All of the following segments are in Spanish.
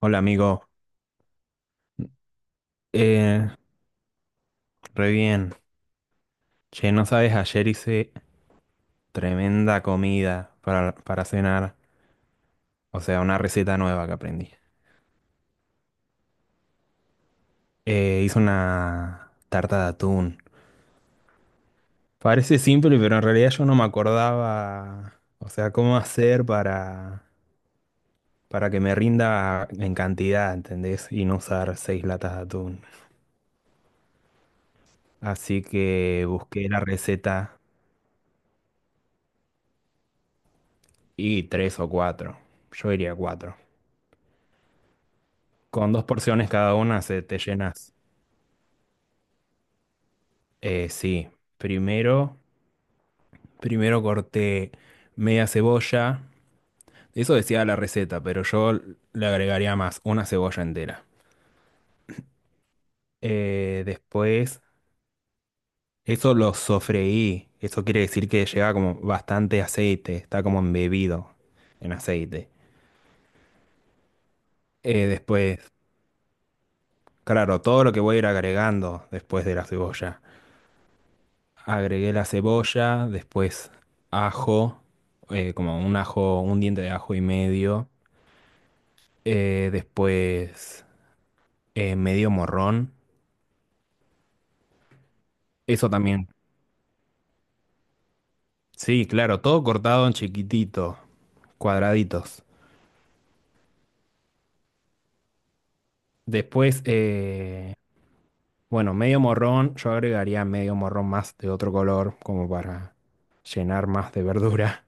Hola amigo, eh, re bien. Che, no sabes, ayer hice tremenda comida para cenar, o sea, una receta nueva que aprendí. Hice una tarta de atún. Parece simple, pero en realidad yo no me acordaba, o sea, cómo hacer para que me rinda en cantidad, ¿entendés? Y no usar seis latas de atún. Así que busqué la receta y tres o cuatro. Yo diría cuatro. Con dos porciones cada una se te llenas. Sí, primero, primero corté media cebolla. Eso decía la receta, pero yo le agregaría más, una cebolla entera. Después, eso lo sofreí. Eso quiere decir que lleva como bastante aceite, está como embebido en aceite. Después, claro, todo lo que voy a ir agregando después de la cebolla. Agregué la cebolla, después ajo, como un ajo, un diente de ajo y medio. Después, medio morrón. Eso también. Sí, claro, todo cortado en chiquitito, cuadraditos. Después, bueno, medio morrón. Yo agregaría medio morrón más de otro color, como para llenar más de verdura.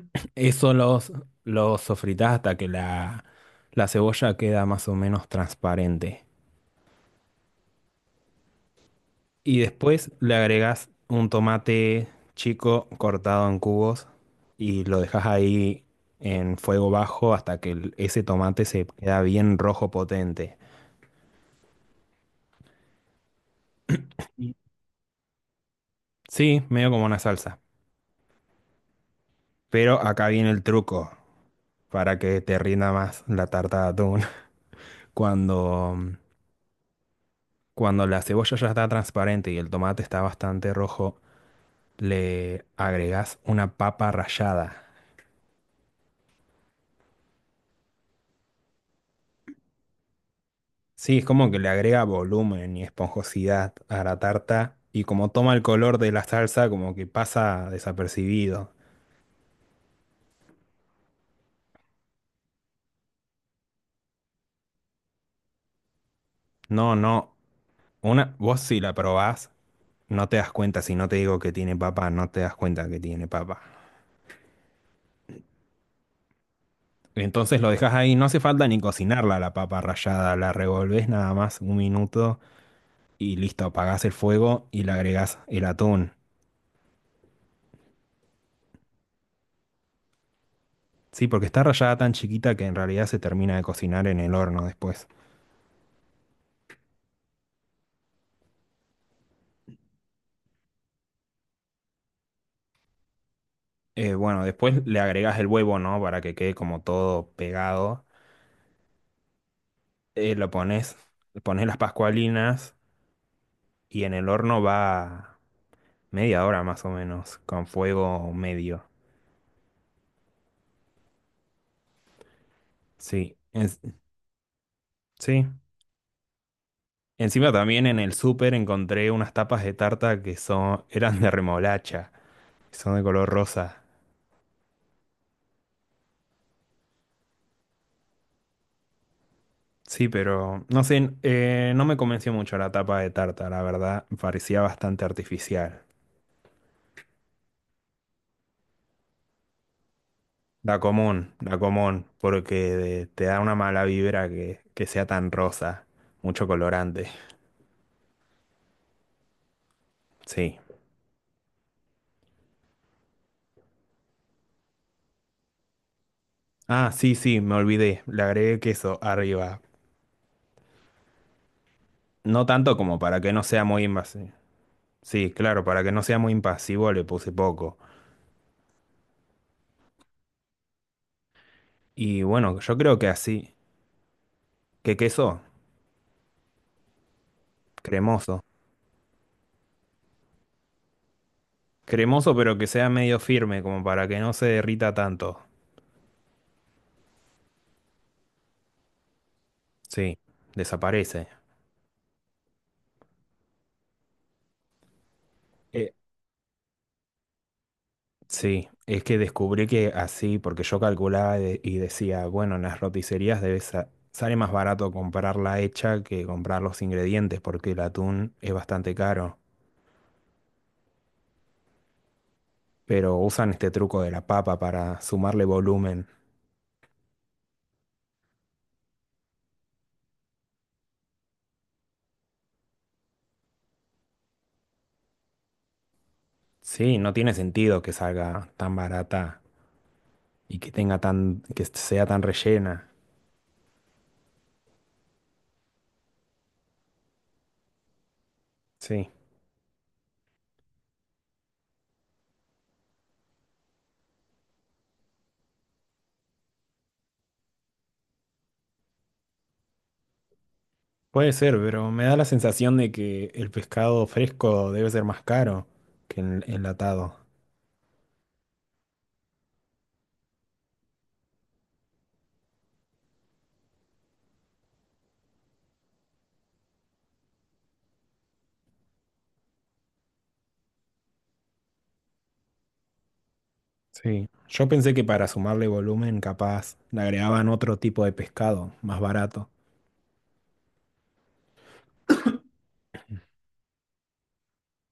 Eso los sofritás hasta que la cebolla queda más o menos transparente. Y después le agregás un tomate chico cortado en cubos y lo dejas ahí en fuego bajo hasta que ese tomate se queda bien rojo potente. Sí, medio como una salsa. Pero acá viene el truco para que te rinda más la tarta de atún. Cuando, cuando la cebolla ya está transparente y el tomate está bastante rojo, le agregás una papa rallada. Sí, es como que le agrega volumen y esponjosidad a la tarta y como toma el color de la salsa como que pasa desapercibido. No, no, vos si la probás no te das cuenta, si no te digo que tiene papa, no te das cuenta que tiene papa. Entonces lo dejas ahí, no hace falta ni cocinarla la papa rallada, la revolvés nada más un minuto y listo, apagás el fuego y le agregás el atún. Sí, porque está rallada tan chiquita que en realidad se termina de cocinar en el horno después. Bueno, después le agregas el huevo, ¿no? Para que quede como todo pegado. Lo pones, le pones las pascualinas y en el horno va media hora más o menos, con fuego medio. Sí, sí. Encima también en el súper encontré unas tapas de tarta que son, eran de remolacha, que son de color rosa. Sí, pero no sé, no me convenció mucho la tapa de tarta, la verdad, parecía bastante artificial. La común, porque te da una mala vibra que sea tan rosa, mucho colorante. Sí. Ah, sí, sí, me olvidé, le agregué queso arriba. No tanto como para que no sea muy invasivo. Sí, claro, para que no sea muy impasivo le puse poco. Y bueno, yo creo que así, ¿que queso? Cremoso. Cremoso pero que sea medio firme, como para que no se derrita tanto. Sí, desaparece. Eh, Sí, es que descubrí que así, porque yo calculaba y decía, bueno, en las roticerías debe sale más barato comprarla hecha que comprar los ingredientes, porque el atún es bastante caro. Pero usan este truco de la papa para sumarle volumen. Sí, no tiene sentido que salga tan barata y que tenga tan, que sea tan rellena. Sí, puede ser, pero me da la sensación de que el pescado fresco debe ser más caro que el enlatado. Sí, yo pensé que para sumarle volumen, capaz le agregaban otro tipo de pescado, más barato,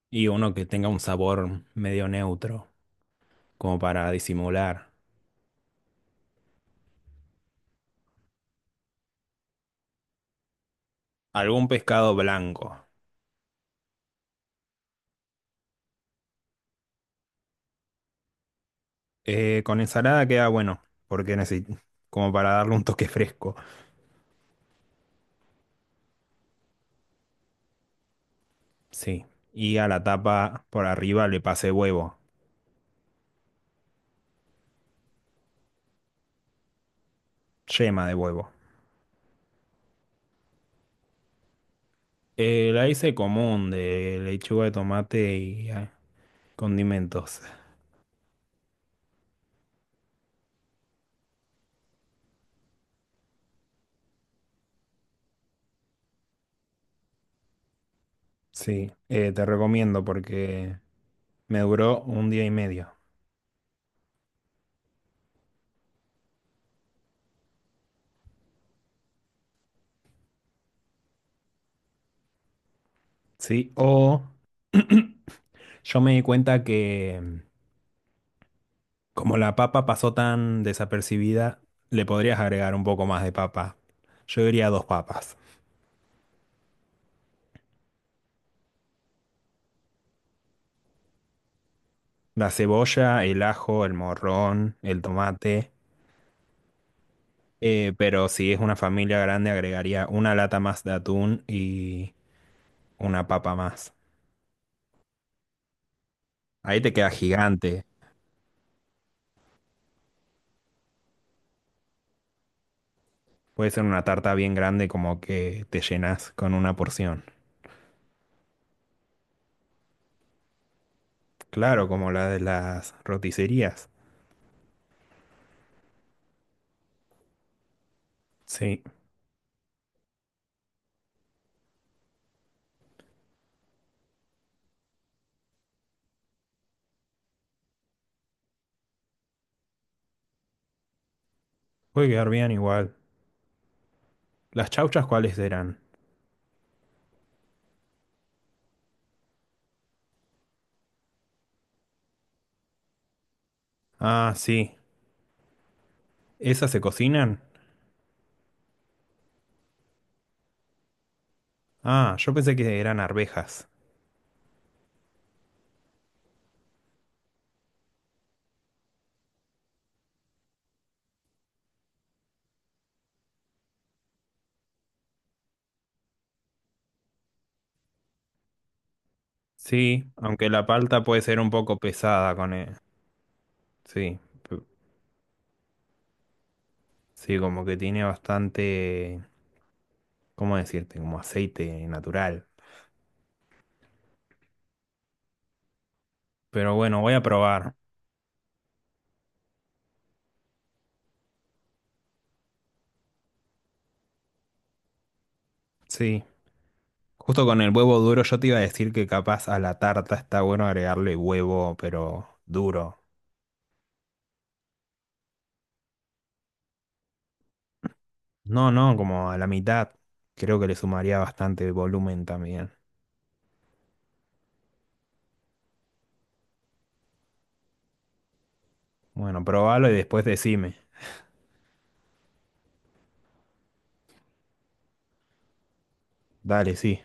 y uno que tenga un sabor medio neutro, como para disimular. Algún pescado blanco. Con ensalada queda bueno, porque necesito, como para darle un toque fresco. Sí, y a la tapa por arriba le pasé huevo, yema de huevo. La hice común de lechuga de tomate y condimentos. Sí, te recomiendo porque me duró un día y medio. Sí, o yo me di cuenta que como la papa pasó tan desapercibida, le podrías agregar un poco más de papa. Yo diría dos papas. La cebolla, el ajo, el morrón, el tomate. Pero si es una familia grande, agregaría una lata más de atún y una papa más. Ahí te queda gigante. Puede ser una tarta bien grande como que te llenas con una porción. Claro, como la de las roticerías. Sí, puede quedar bien igual. ¿Las chauchas cuáles eran? Ah, sí. ¿Esas se cocinan? Ah, yo pensé que eran arvejas. Sí, aunque la palta puede ser un poco pesada Sí, p- sí, como que tiene bastante. ¿Cómo decirte? Como aceite natural. Pero bueno, voy a probar. Sí. Justo con el huevo duro, yo te iba a decir que capaz a la tarta está bueno agregarle huevo, pero duro. No, no, como a la mitad. Creo que le sumaría bastante volumen también. Bueno, probalo y después decime. Dale, sí.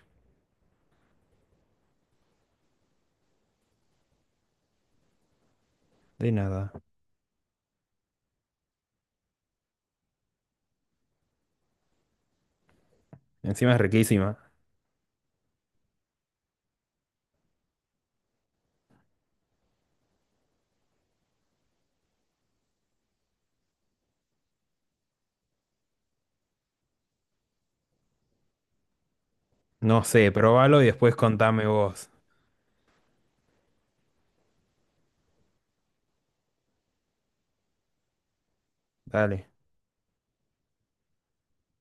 De nada. Encima es riquísima. No sé, probalo y después contame vos. Dale.